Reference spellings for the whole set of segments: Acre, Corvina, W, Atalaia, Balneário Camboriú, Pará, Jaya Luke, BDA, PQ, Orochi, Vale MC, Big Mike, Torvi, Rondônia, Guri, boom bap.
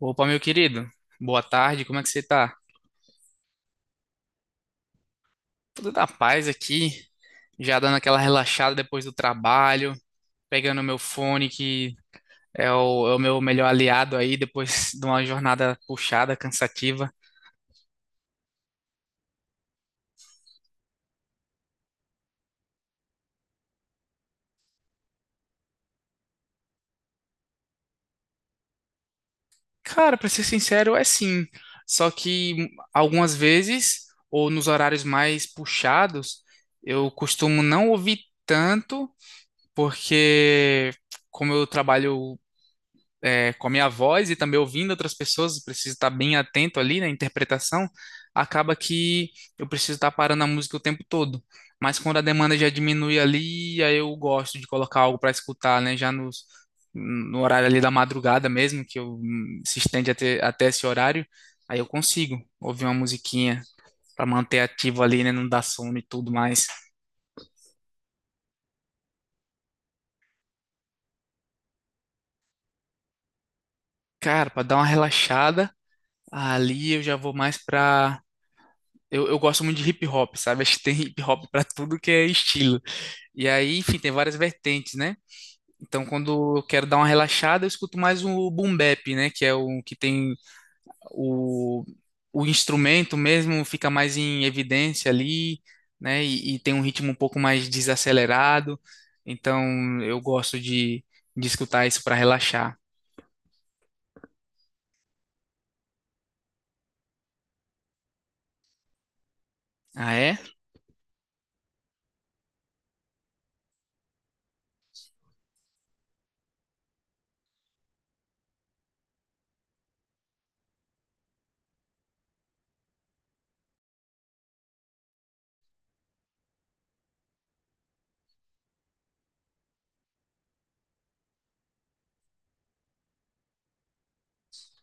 Opa, meu querido. Boa tarde, como é que você tá? Tudo na paz aqui, já dando aquela relaxada depois do trabalho, pegando meu fone, que é o meu melhor aliado aí, depois de uma jornada puxada, cansativa. Cara, pra ser sincero, é sim. Só que algumas vezes, ou nos horários mais puxados, eu costumo não ouvir tanto, porque como eu trabalho é, com a minha voz e também ouvindo outras pessoas, preciso estar bem atento ali na interpretação, acaba que eu preciso estar parando a música o tempo todo. Mas quando a demanda já diminui ali, aí eu gosto de colocar algo para escutar, né? No horário ali da madrugada mesmo, que eu, se estende até esse horário, aí eu consigo ouvir uma musiquinha para manter ativo ali, né? Não dar sono e tudo mais. Cara, para dar uma relaxada, ali eu já vou mais para eu gosto muito de hip hop, sabe? Acho que tem hip hop pra tudo que é estilo. E aí, enfim, tem várias vertentes, né? Então, quando eu quero dar uma relaxada, eu escuto mais o boom bap, né? Que é o que tem o, o instrumento mesmo fica mais em evidência ali, né? E tem um ritmo um pouco mais desacelerado. Então, de escutar isso pra relaxar. Ah, é?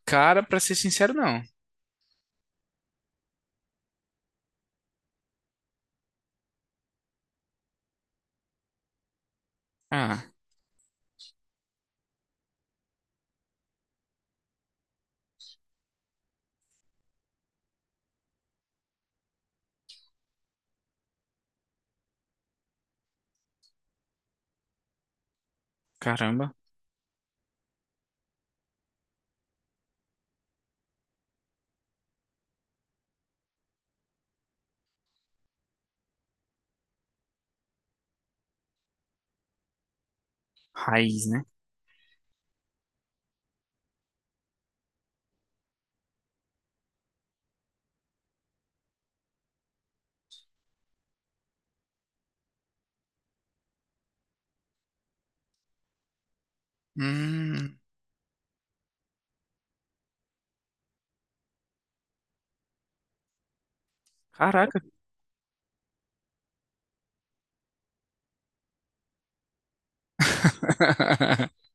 Cara, pra ser sincero, não. Ah, caramba. Raiz, né? Hum, caraca.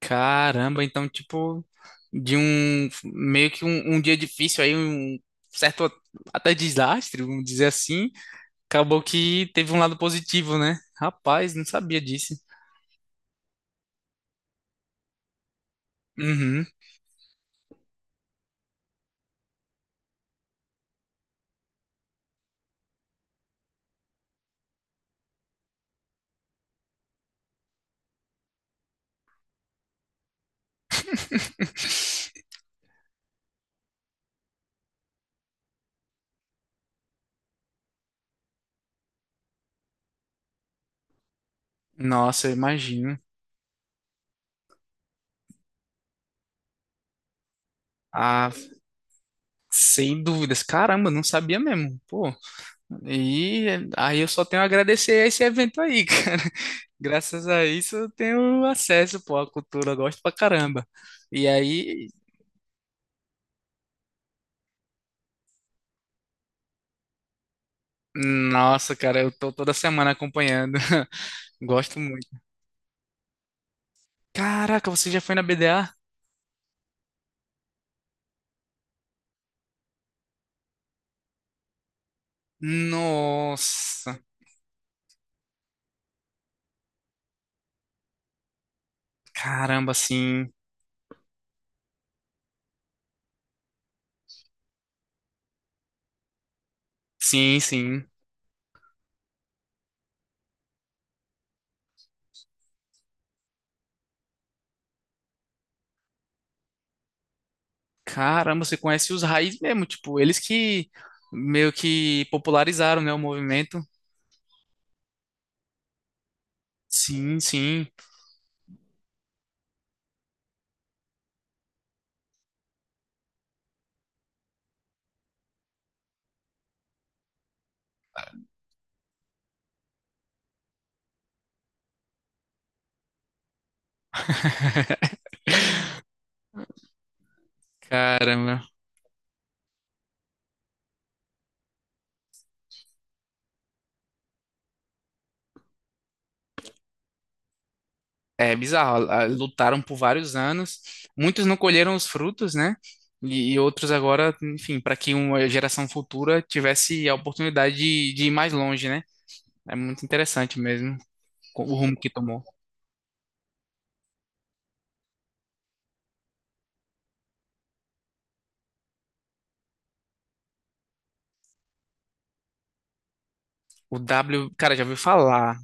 Caramba, então, tipo, de um meio que um dia difícil aí, um certo até desastre, vamos dizer assim, acabou que teve um lado positivo, né? Rapaz, não sabia disso. Uhum. Nossa, eu imagino. Ah, sem dúvidas. Caramba, não sabia mesmo. Pô, e aí eu só tenho a agradecer a esse evento aí, cara. Graças a isso eu tenho acesso, pô, à cultura, eu gosto pra caramba. E aí, nossa, cara, eu tô toda semana acompanhando. Gosto muito. Caraca, você já foi na BDA? Nossa, caramba, sim. Sim, sim. Caramba, você conhece os raízes mesmo, tipo, eles que meio que popularizaram, né, o movimento. Sim, sim. Caramba. É bizarro, a- lutaram por vários anos, muitos não colheram os frutos, né? E outros agora, enfim, para que uma geração futura tivesse a oportunidade de ir mais longe, né? É muito interessante mesmo co- o rumo que tomou. O W, cara, já ouviu falar.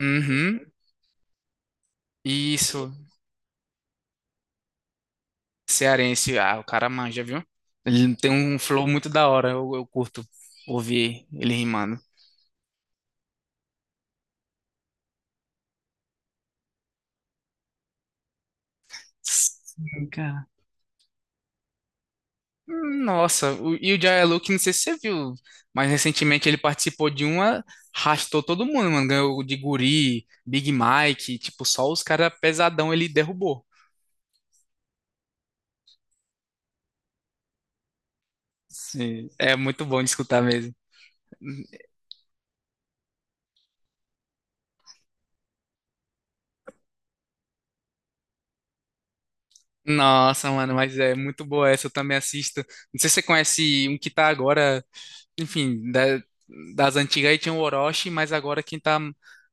Uhum, isso, cearense, ah, o cara manja, viu? Ele tem um flow muito da hora, eu curto ouvir ele rimando. Sim, cara. Nossa, o- e o Jaya Luke, não sei se você viu, mas recentemente ele participou de uma, arrastou todo mundo, mano. Ganhou de Guri, Big Mike, tipo, só os caras pesadão ele derrubou. Sim, é muito bom de escutar mesmo. Nossa, mano, mas é muito boa essa, eu também assisto. Não sei se você conhece um que tá agora, enfim, da- das antigas aí tinha o Orochi, mas agora quem tá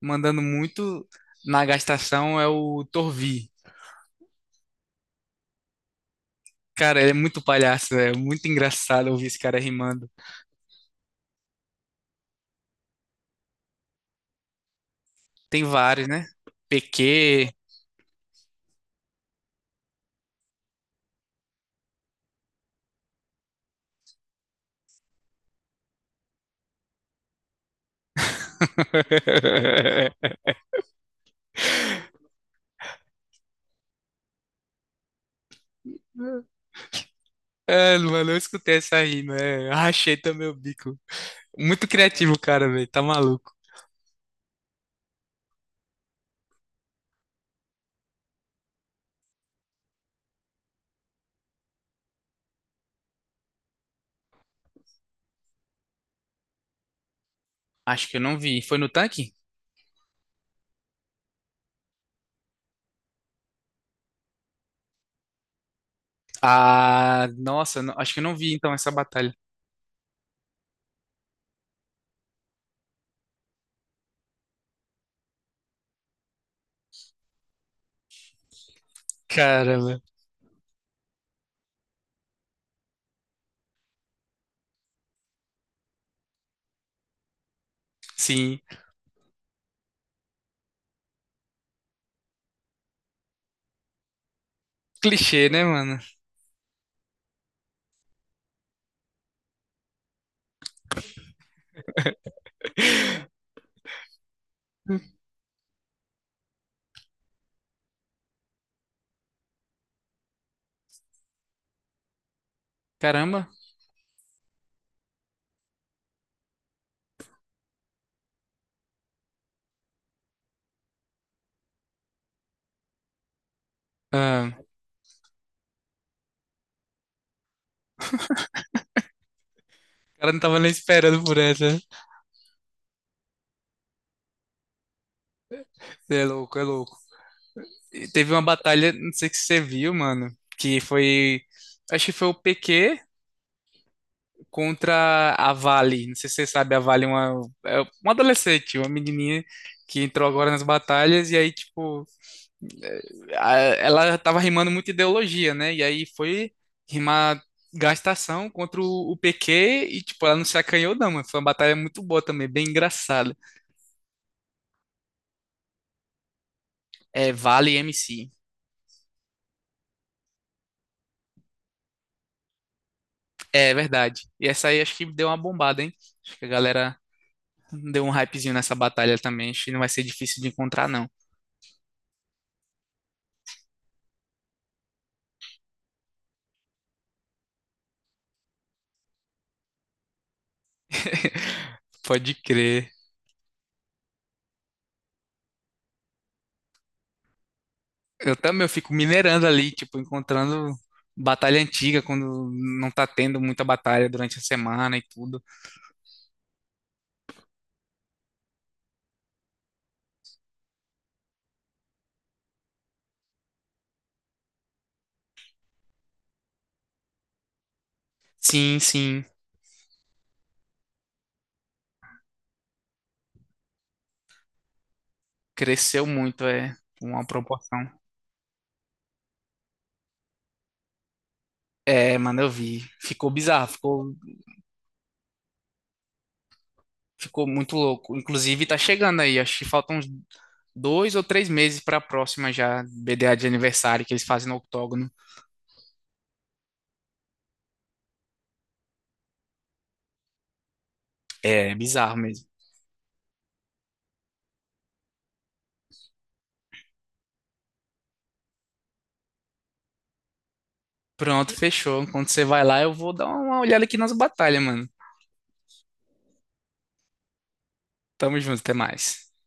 mandando muito na gastação é o Torvi. Cara, ele é muito palhaço, é muito engraçado ouvir esse cara rimando. Tem vários, né? PQ. É, mano, eu escutei essa rima, é. Rachei também o bico. Muito criativo, o cara, velho. Tá maluco. Acho que eu não vi. Foi no tanque? Ah, nossa, não- acho que eu não vi então essa batalha. Caramba. Sim. Clichê, né, mano? Caramba. Ah, o cara não tava nem esperando por essa. Você é louco, é louco. E teve uma batalha, não sei se você viu, mano, que foi. Acho que foi o PQ contra a Vale. Não sei se você sabe, a Vale é uma adolescente, uma menininha que entrou agora nas batalhas e aí, tipo, eh, a- ela tava rimando muito ideologia, né? E aí foi rimar gastação contra o PQ e, tipo, ela não se acanhou, não, mano. Foi uma batalha muito boa também, bem engraçada. É, Vale MC. É verdade. E essa aí acho que deu uma bombada, hein? Acho que a galera deu um hypezinho nessa batalha também, acho que não vai ser difícil de encontrar, não. Pode crer. Eu também, eu fico minerando ali, tipo, encontrando batalha antiga quando não tá tendo muita batalha durante a semana e tudo. Sim, sim, cresceu muito, é uma proporção. É, mano, eu vi. Ficou bizarro, ficou, ficou muito louco. Inclusive, tá chegando aí, acho que faltam uns dois ou três meses pra próxima já, BDA de aniversário que eles fazem no octógono. É bizarro mesmo. Pronto, fechou. Quando você vai lá, eu vou dar uma olhada aqui nas batalhas, mano. Tamo junto, até mais.